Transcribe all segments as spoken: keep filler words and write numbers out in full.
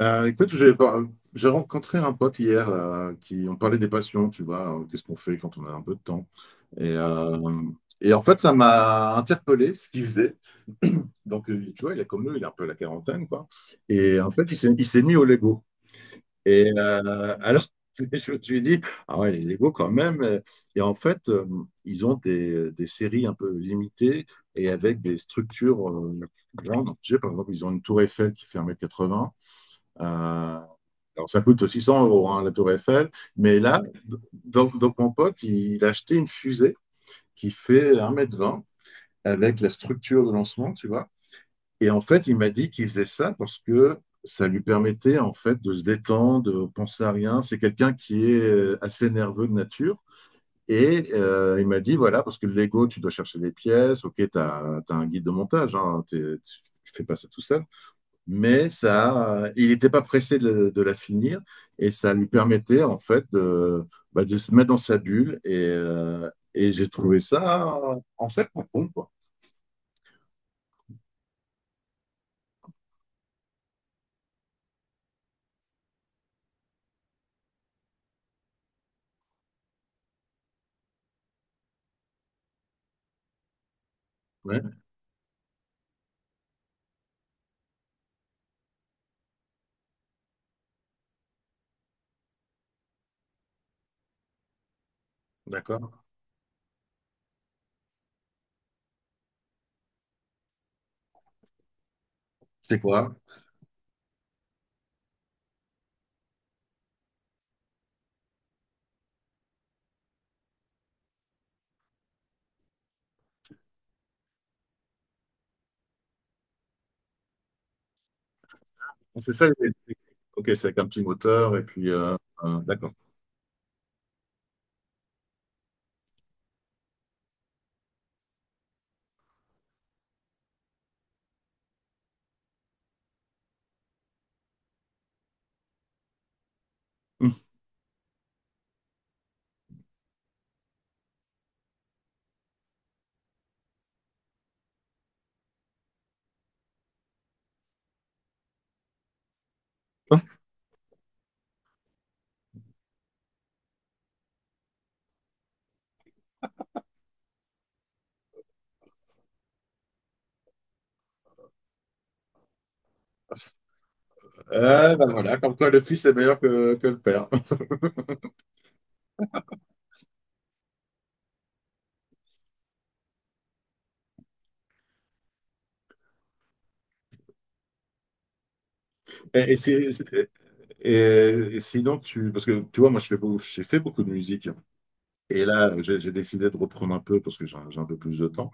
Euh, écoute, j'ai j'ai rencontré un pote hier euh, qui on parlait des passions, tu vois, euh, qu'est-ce qu'on fait quand on a un peu de temps. Et, euh, et en fait, ça m'a interpellé ce qu'il faisait. Donc, euh, tu vois, il est comme nous, il est un peu à la quarantaine, quoi. Et en fait, il s'est il s'est mis au Lego. Et euh, alors, je me suis dit, ah ouais, les Lego quand même. Et en fait, euh, ils ont des, des séries un peu limitées et avec des structures euh, grandes. Tu sais, par exemple, ils ont une tour Eiffel qui fait un mètre quatre quatre-vingts euh, alors, ça coûte six cents euros, hein, la Tour Eiffel. Mais là, donc, donc mon pote, il, il a acheté une fusée qui fait un mètre vingt avec la structure de lancement, tu vois. Et en fait, il m'a dit qu'il faisait ça parce que ça lui permettait, en fait, de se détendre, de penser à rien. C'est quelqu'un qui est euh, assez nerveux de nature. Et euh, il m'a dit, voilà, parce que le Lego, tu dois chercher des pièces. OK, tu as, un guide de montage. Hein, t'es- tu tu fais pas ça tout seul mais ça, il n'était pas pressé de, de la finir et ça lui permettait en fait de, bah, de se mettre dans sa bulle et, euh, et j'ai trouvé ça euh, en fait pas con quoi. Ouais, d'accord. C'est quoi? C'est ça les Ok, c'est avec un petit moteur et puis euh, euh, d'accord. Euh, ben voilà, comme quoi le fils est meilleur que, que le père. Et, et c'est- c'est- et- et sinon, tu, parce que tu vois, moi, je fais beaucoup, j'ai fait beaucoup de musique. Et là, j'ai j'ai décidé de reprendre un peu parce que j'ai j'ai un peu plus de temps.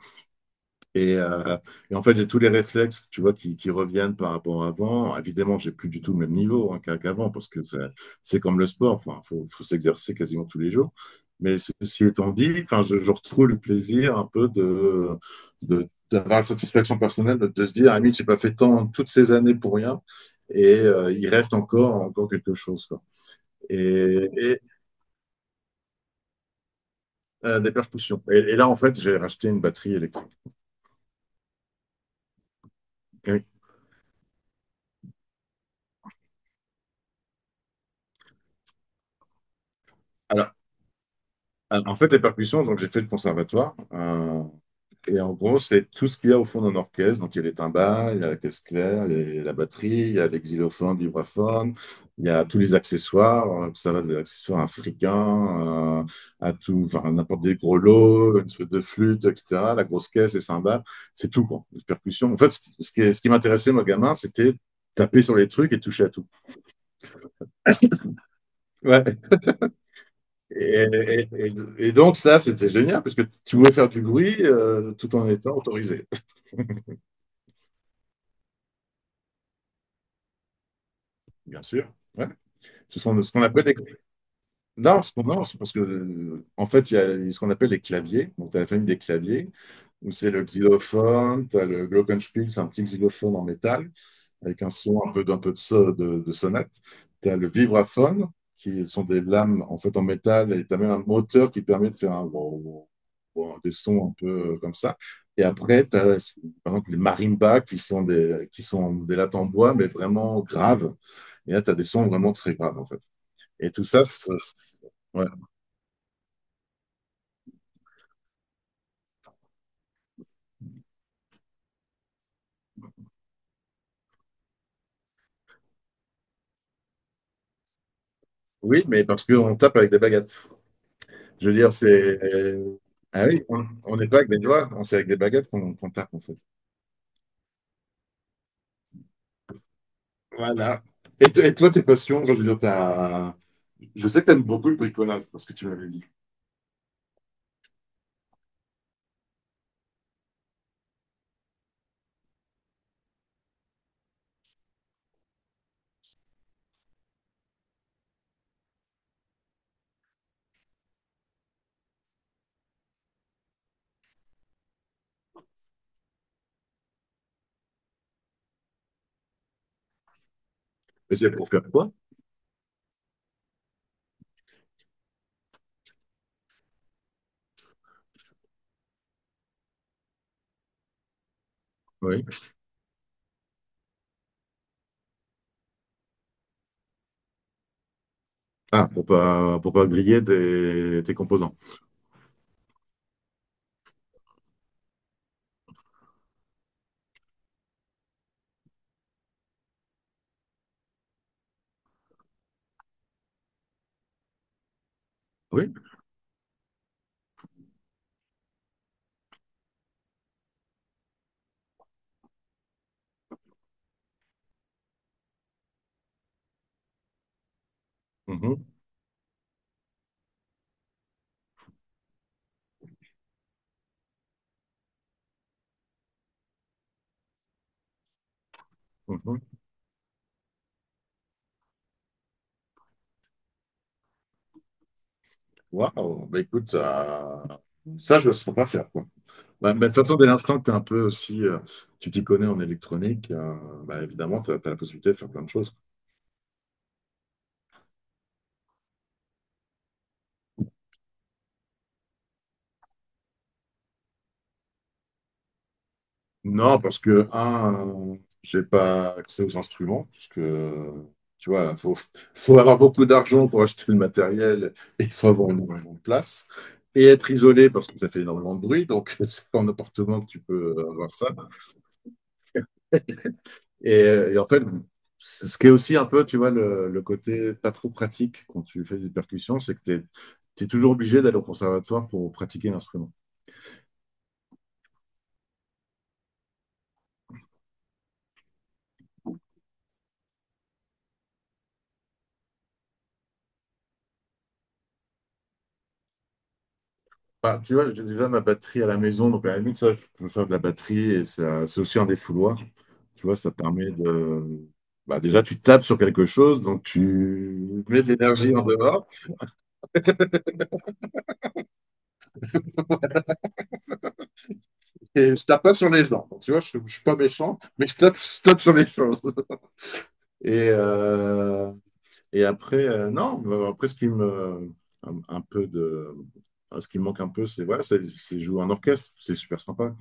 Et, euh, et en fait, j'ai tous les réflexes, tu vois, qui, qui reviennent par rapport à avant. Évidemment, j'ai plus du tout le même niveau hein, qu'a- qu'avant, parce que c'est c'est comme le sport, enfin, faut, faut s'exercer quasiment tous les jours. Mais ceci étant dit, enfin, je, je retrouve le plaisir un peu de, de- d'avoir la satisfaction personnelle de, de se dire, ah, je j'ai pas fait tant toutes ces années pour rien, et euh, il reste encore, encore quelque chose, quoi. Et, et, euh, des percussions. Et, et là, en fait, j'ai racheté une batterie électrique. Oui. Alors, Ah, En fait, les percussions, donc j'ai fait le conservatoire. Euh, et en gros, c'est tout ce qu'il y a au fond d'un orchestre. Donc, il y a les timbales, il y a la caisse claire, il y a la batterie, il y a les xylophones, vibraphones, il y a tous les accessoires. euh, Ça va des accessoires africains euh, à tout, enfin, n'importe des gros lots, une truc de flûte, et cetera. La grosse caisse, les cymbales, c'est tout, quoi. Les percussions. En fait, ce qui, ce qui ce qui m'intéressait, moi, gamin, c'était taper sur les trucs et toucher à tout. Ouais. Et, et- et- et donc ça, c'était génial, parce que tu pouvais faire du bruit euh, tout en étant autorisé, bien sûr. Ouais. Ce sont ce qu'on appelle des... Non, ce qu'on- non, c'est parce que, euh, en fait, il y a ce qu'on appelle les claviers. Donc, tu as la famille des claviers, où c'est le xylophone, tu as le glockenspiel, c'est un petit xylophone en métal. Avec un son un peu, d'un peu de, so- de, de sonnette. Tu as le vibraphone, qui sont des lames en fait en métal, et tu as même un moteur qui permet de faire un wow, wow, wow, des sons un peu euh, comme ça. Et après, tu as par exemple les marimbas qui sont des, qui sont des lattes en bois, mais vraiment graves. Et là, tu as des sons vraiment très graves en fait. Et tout ça, c'est- c'est- ouais. Oui, mais parce qu'on tape avec des baguettes. Je veux dire, c'est. euh, Ah oui, on on n'est pas avec des doigts, on- c'est avec des baguettes qu'on qu'on tape en fait. Voilà. Et, to- et toi, tes passions, enfin, je veux dire, t'as... Je sais que t'aimes beaucoup le bricolage, parce que tu m'avais dit. Mais c'est pour faire quoi? Oui. Ah, pour pas, pour pas griller tes, tes composants. Oui. Mhm, mhm. Waouh. Bah, écoute, euh, ça, je ne saurais pas faire, quoi. Bah, mais de toute façon, dès l'instant que tu es un peu aussi, euh, tu t'y connais en électronique, euh, bah, évidemment, tu as, la possibilité de faire plein de choses. Non, parce que, un, j'ai pas accès aux instruments, parce que, tu vois, faut, faut avoir beaucoup d'argent pour acheter le matériel et il faut avoir énormément de place. Et être isolé, parce que ça fait énormément de bruit, donc c'est pas en appartement que tu peux avoir ça. Et, et en fait, c'est ce qui est aussi un peu, tu vois, le, le côté pas trop pratique quand tu fais des percussions, c'est que tu es, toujours obligé d'aller au conservatoire pour pratiquer l'instrument. Bah, tu vois, j'ai déjà ma batterie à la maison, donc à la limite, ça, je peux faire de la batterie et ça- c'est aussi un défouloir. Tu vois, ça permet de. Bah, déjà, tu tapes sur quelque chose, donc tu mets de l'énergie en dehors et je tape pas sur les gens. Donc, tu vois, je, je suis pas méchant, mais je tape, je tape sur les choses. Et, euh, et après, euh, non, bah, après, ce qui me. Un, un peu de. Enfin, Ce qui me manque un peu, c'est voilà, c'est c'est jouer en orchestre, c'est super sympa.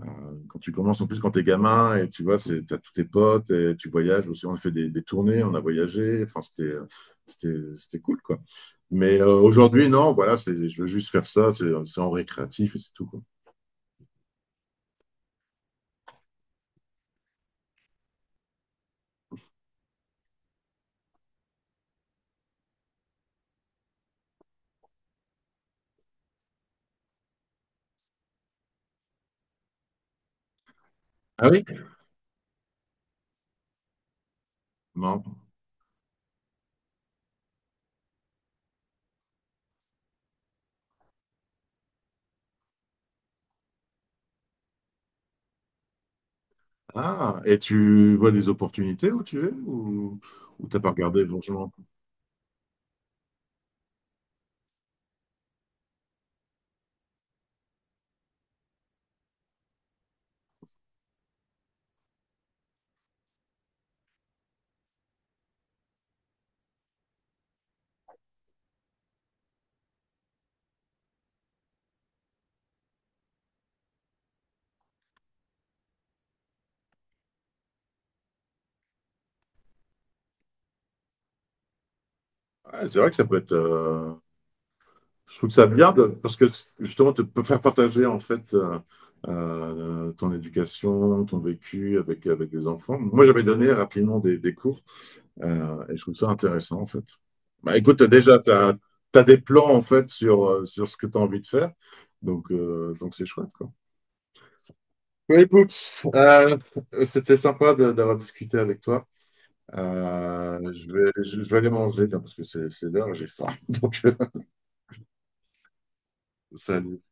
Euh, quand tu commences, en plus, quand t'es gamin, et tu vois, c'est, t'as tous tes potes, et tu voyages aussi. On a fait des, des tournées, on a voyagé. Enfin, c'était, c'était, c'était cool, quoi. Mais euh, aujourd'hui, non, voilà, c'est, je veux juste faire ça, c'est, c'est en récréatif et c'est tout, quoi. Ah oui? Non. Ah, et tu vois des opportunités où tu es ou, ou t'as pas regardé franchement? Ah, c'est vrai que ça peut être. Je trouve ça bien de- Parce que justement, tu peux faire partager en fait euh, euh, ton éducation, ton vécu avec, avec des enfants. Moi, j'avais donné rapidement des, des cours euh, et je trouve ça intéressant en fait. Bah, écoute, t'as déjà, tu as, des plans en fait sur, euh, sur ce que tu as envie de faire. Donc, euh, donc c'est chouette, quoi. Bah, écoute, euh, c'était sympa de- d'avoir discuté avec toi. Euh, je vais, je, je vais aller manger tiens, parce que c'est c'est l'heure, j'ai faim. Donc, euh, salut.